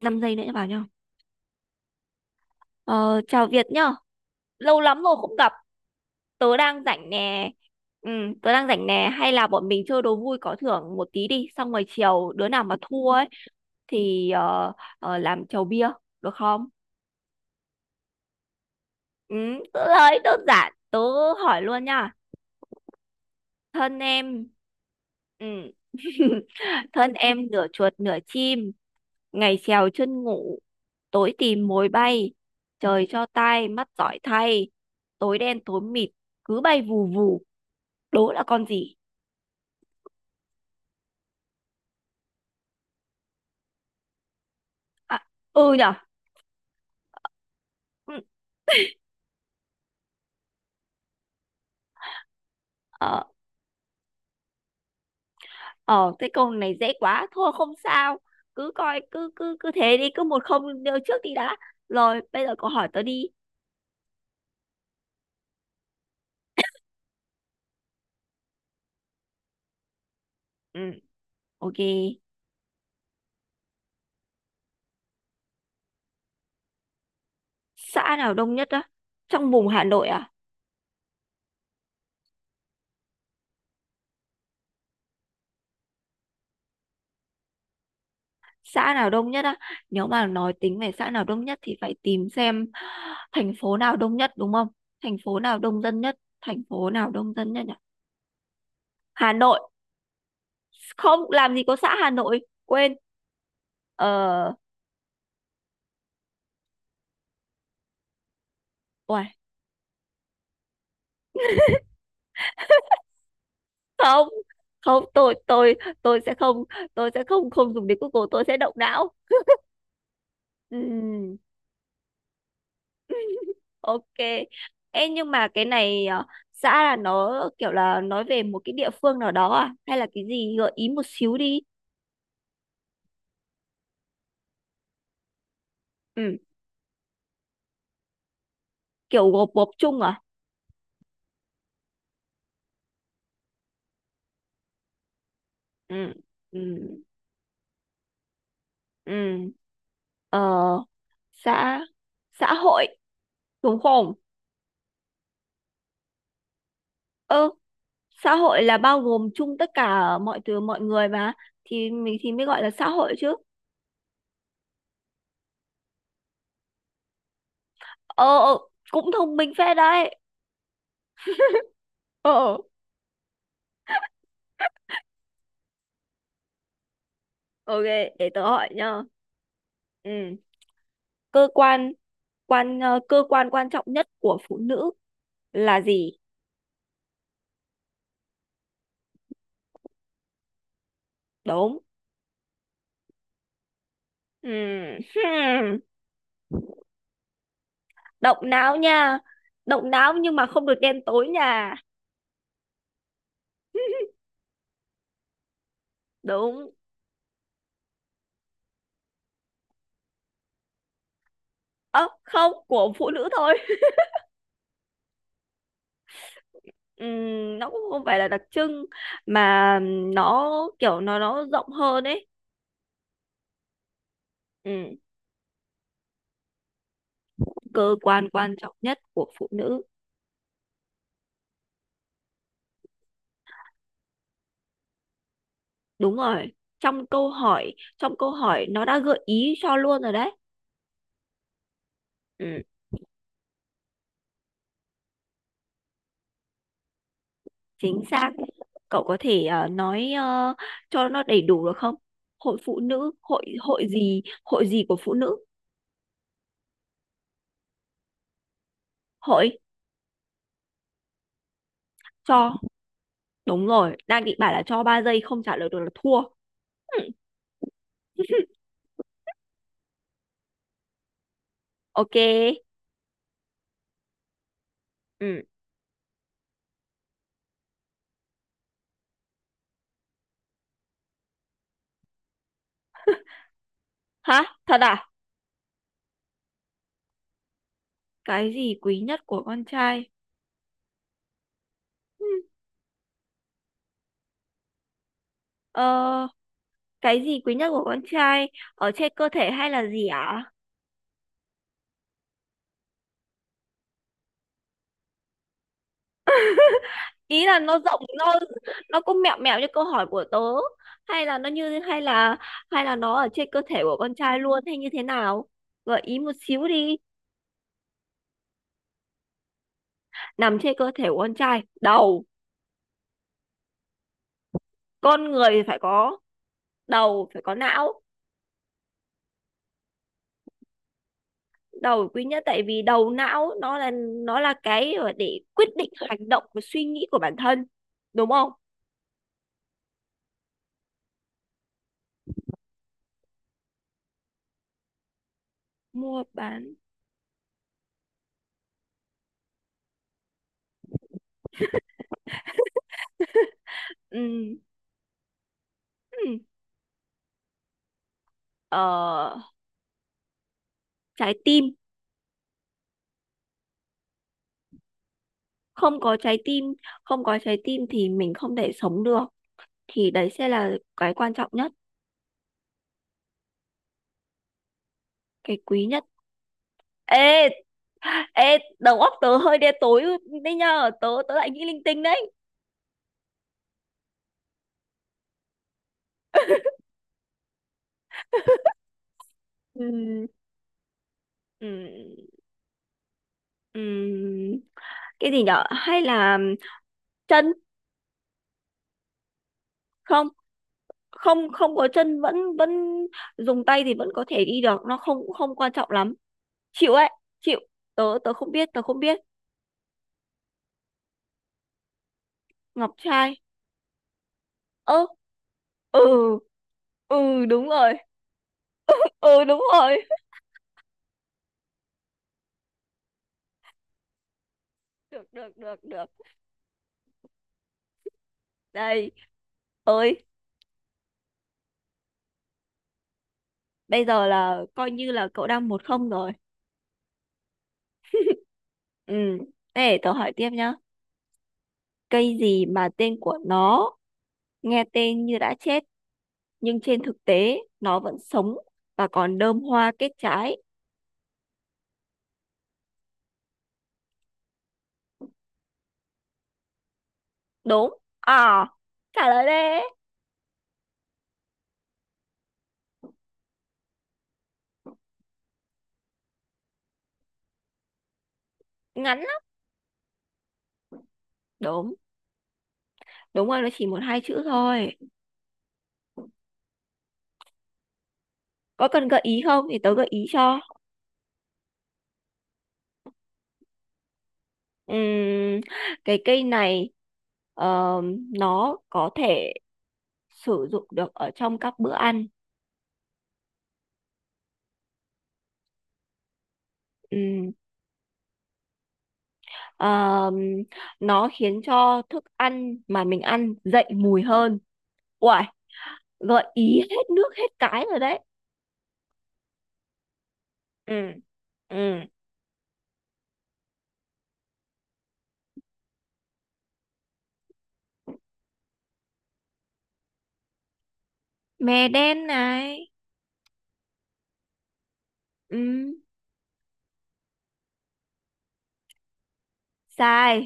5 giây nữa vào nhau. Ờ, Chào Việt nhá. Lâu lắm rồi không gặp. Tớ đang rảnh nè. Ừ, tớ đang rảnh nè. Hay là bọn mình chơi đố vui có thưởng một tí đi. Xong rồi chiều đứa nào mà thua ấy thì làm chầu bia. Được không? Ừ, tớ nói đơn giản. Tớ hỏi luôn nha. Thân em. Ừ. Thân em nửa chuột nửa chim, ngày trèo chân ngủ, tối tìm mồi bay, trời cho tai mắt giỏi thay, tối đen tối mịt cứ bay vù vù. Đố là con gì? À, ừ nhở. Ừ, ờ ờ cái câu này dễ quá thôi không sao. Cứ coi cứ cứ cứ thế đi, cứ một không đưa trước đi đã. Rồi bây giờ cậu hỏi tớ đi. Ừ, ok. Xã nào đông nhất á? Trong vùng Hà Nội à? Xã nào đông nhất á? Nếu mà nói tính về xã nào đông nhất thì phải tìm xem thành phố nào đông nhất, đúng không? Thành phố nào đông dân nhất, thành phố nào đông dân nhất nhỉ? Hà Nội. Không làm gì có xã Hà Nội, quên. ờ Uầy, không, không. Tôi tôi sẽ không, tôi sẽ không không dùng đến Google, tôi sẽ động não. Ừm, ok. Ê, nhưng mà cái này xã là nó kiểu là nói về một cái địa phương nào đó à, hay là cái gì? Gợi ý một xíu đi. Ừ. Kiểu gộp gộp chung à? Ừ. Ừ. Ừ. Ờ, xã, xã hội, đúng không? Ừ, xã hội là bao gồm chung tất cả mọi thứ mọi người mà, thì mình mới gọi là xã hội chứ. ờ ờ, Cũng thông minh phết đấy. Ờ, ok, để tớ hỏi nhá. Ừ, cơ quan, cơ quan quan trọng nhất của phụ nữ là gì? Đúng. Ừ. Hmm. Động não nha, động não nhưng mà không được đen tối nha. Đúng. Ơ, không, của phụ nữ thôi. Nó cũng không phải là đặc trưng mà nó kiểu nó rộng hơn ấy. Ừm, Cơ quan quan trọng nhất của phụ nữ. Đúng rồi, trong câu hỏi nó đã gợi ý cho luôn rồi đấy. Ừm. Chính xác. Cậu có thể nói cho nó đầy đủ được không? Hội phụ nữ, hội hội gì của phụ nữ? Hội. Cho. Đúng rồi, đang định bảo là cho 3 giây không trả lời được là thua. Ừm, ok. Ừ. Hả? Thật à? Cái gì quý nhất của con trai? Ừm, Ờ, cái gì quý nhất của con trai ở trên cơ thể hay là gì ạ? Ý là nó rộng, nó cũng mẹo mẹo như câu hỏi của tớ, hay là nó như, hay là nó ở trên cơ thể của con trai luôn, hay như thế nào? Gợi ý một xíu đi. Nằm trên cơ thể của con trai, đầu, con người phải có đầu, phải có não. Đầu quý nhất tại vì đầu não nó là, nó là cái để quyết định hành động và suy nghĩ của bản thân, đúng không? Mua bán. Ừ. Ừ. Ờ, trái tim. Không có trái tim, không có trái tim thì mình không thể sống được, thì đấy sẽ là cái quan trọng nhất. Cái quý nhất. Ê, ê, đầu óc tớ hơi đen tối đấy, nhờ tớ tớ lại nghĩ linh tinh đấy. Ừ. Ừ. Ừ. Cái gì nhở, hay là chân? Không, không có chân vẫn vẫn dùng tay thì vẫn có thể đi được, nó không không quan trọng lắm. Chịu ấy. Chịu. Tớ tớ không biết, tớ không biết. Ngọc trai. Ơ. Ừ. Ừ. Đúng rồi. Ừ, đúng rồi. Được được được được. Đây. Ơi. Bây giờ là coi như là cậu đang 1-0 rồi. Ừ, để tớ hỏi tiếp nhá. Cây gì mà tên của nó nghe tên như đã chết nhưng trên thực tế nó vẫn sống và còn đơm hoa kết trái? Đúng. À, trả lời đi. Ngắn lắm. Đúng, đúng rồi, nó chỉ một hai chữ thôi. Có cần gợi ý không thì tớ gợi ý cho. Ừm, cái cây này ờ, nó có thể sử dụng được ở trong các bữa ăn. Ừm, ờm, nó khiến cho thức ăn mà mình ăn dậy mùi hơn. Uầy, gợi ý hết nước hết cái rồi đấy. Ừ. Ừ. Mè đen này. Ừ. Sai,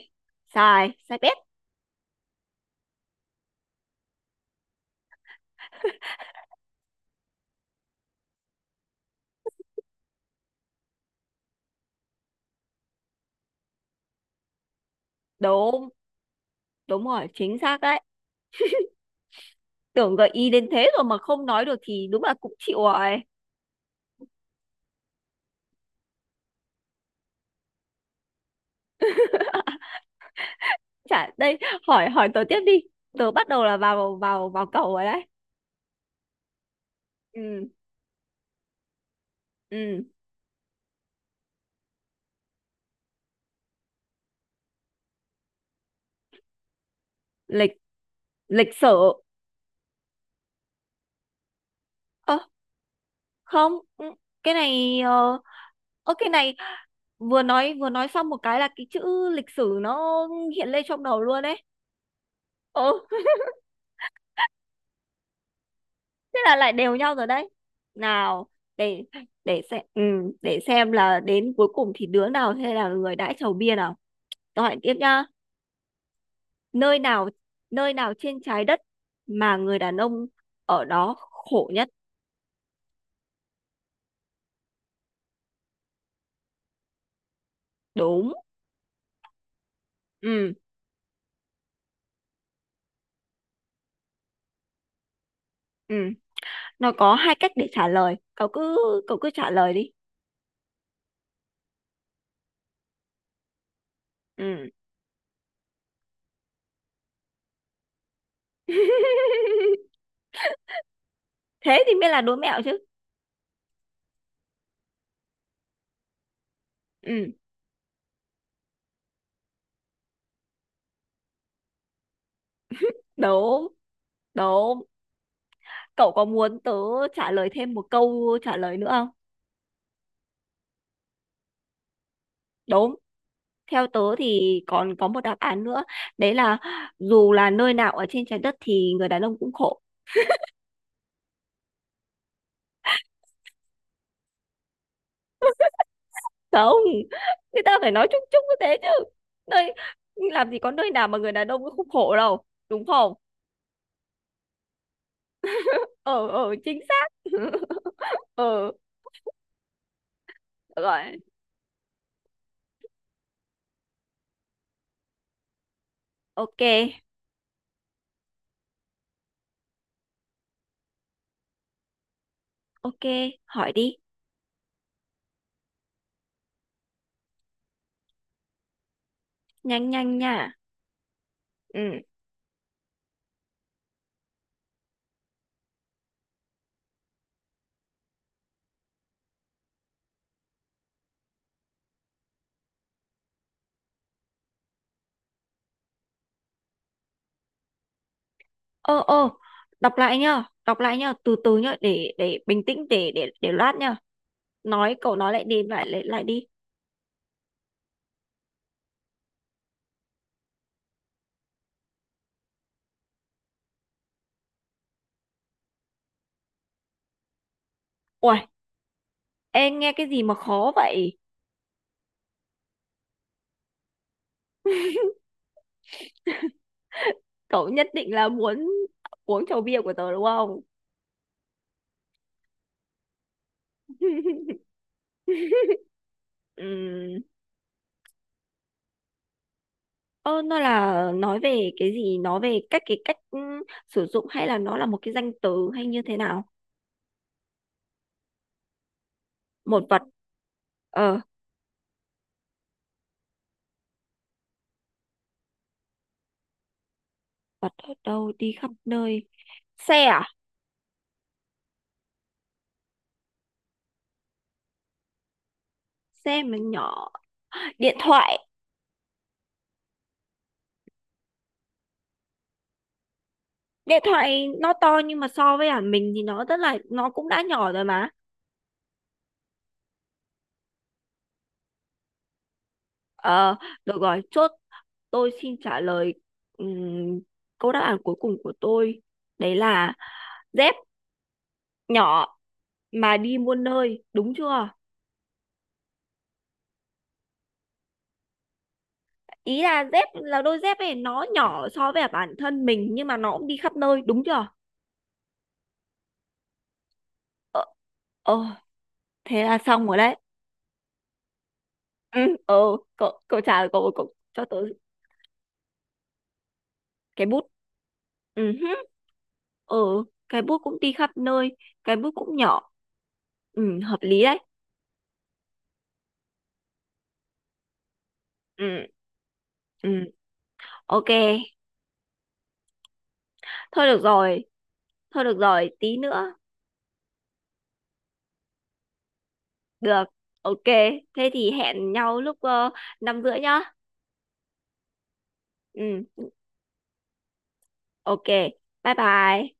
sai bét. Đúng, đúng rồi, chính xác đấy. Tưởng gợi ý đến thế rồi mà không nói được thì đúng là cũng chịu rồi. Chả đây, hỏi hỏi tớ tiếp đi, tớ bắt đầu là vào vào vào cầu rồi đấy. Ừ. Ừ. Lịch, lịch sử. Ơ, không, ừ, cái này ơ, cái này vừa nói, xong một cái là cái chữ lịch sử nó hiện lên trong đầu luôn đấy. Ừ. Thế là lại đều nhau rồi đấy. Nào. để để xem. Ừ, để xem là đến cuối cùng thì đứa nào sẽ là người đãi chầu bia nào. Tôi hỏi tiếp nhá. Nơi nào, trên trái đất mà người đàn ông ở đó khổ nhất? Đúng. Ừ. Ừ. Nó có hai cách để trả lời. Cậu cứ trả lời đi. Ừ. Thế thì mới là đố mẹo chứ. Ừ, đúng, đúng. Cậu có muốn tớ trả lời thêm một câu trả lời nữa không? Đúng. Theo tớ thì còn có một đáp án nữa. Đấy là dù là nơi nào ở trên trái đất thì người đàn ông cũng khổ. Không, người ta phải nói chung chung như thế chứ, nơi, làm gì có nơi nào mà người đàn ông cũng không khổ đâu, đúng không? Ờ Chính xác. Ờ, rồi, ok. Ok, hỏi đi. Nhanh nhanh nha. Ừ. ờ ờ Đọc lại nhá, từ từ nhá, để bình tĩnh để loát nhá. Cậu nói lại đi, lại lại lại đi. Ui, em nghe cái gì mà khó vậy. Cậu nhất định là muốn uống chầu bia của tớ đúng không? Ừ. Ơ, nó là nói về cái gì? Nói về cách, cái cách sử dụng, hay là nó là một cái danh từ, hay như thế nào? Một vật. Ờ, vật ở đâu đi khắp nơi. Xe à? Xe mà nhỏ. Điện thoại. Điện thoại nó to nhưng mà so với mình thì nó rất là, nó cũng đã nhỏ rồi mà. Ờ, được rồi, chốt. Tôi xin trả lời ừm, câu đáp án cuối cùng của tôi. Đấy là dép nhỏ mà đi muôn nơi, đúng chưa? Ý là dép là đôi dép này nó nhỏ so với bản thân mình nhưng mà nó cũng đi khắp nơi, đúng chưa? Ờ. Ờ, thế là xong rồi đấy. Ừ, ờ, cậu cậu trả lời, cậu cậu cho tớ. Cái bút. Ừ, hứ, ờ, cái bút cũng đi khắp nơi, cái bút cũng nhỏ. Ừ, hợp lý đấy. Ừ. Ừ. Ok, thôi được rồi, tí nữa. Được. Ok. Thế thì hẹn nhau lúc 5 rưỡi nhá. Ừ, ok, bye bye.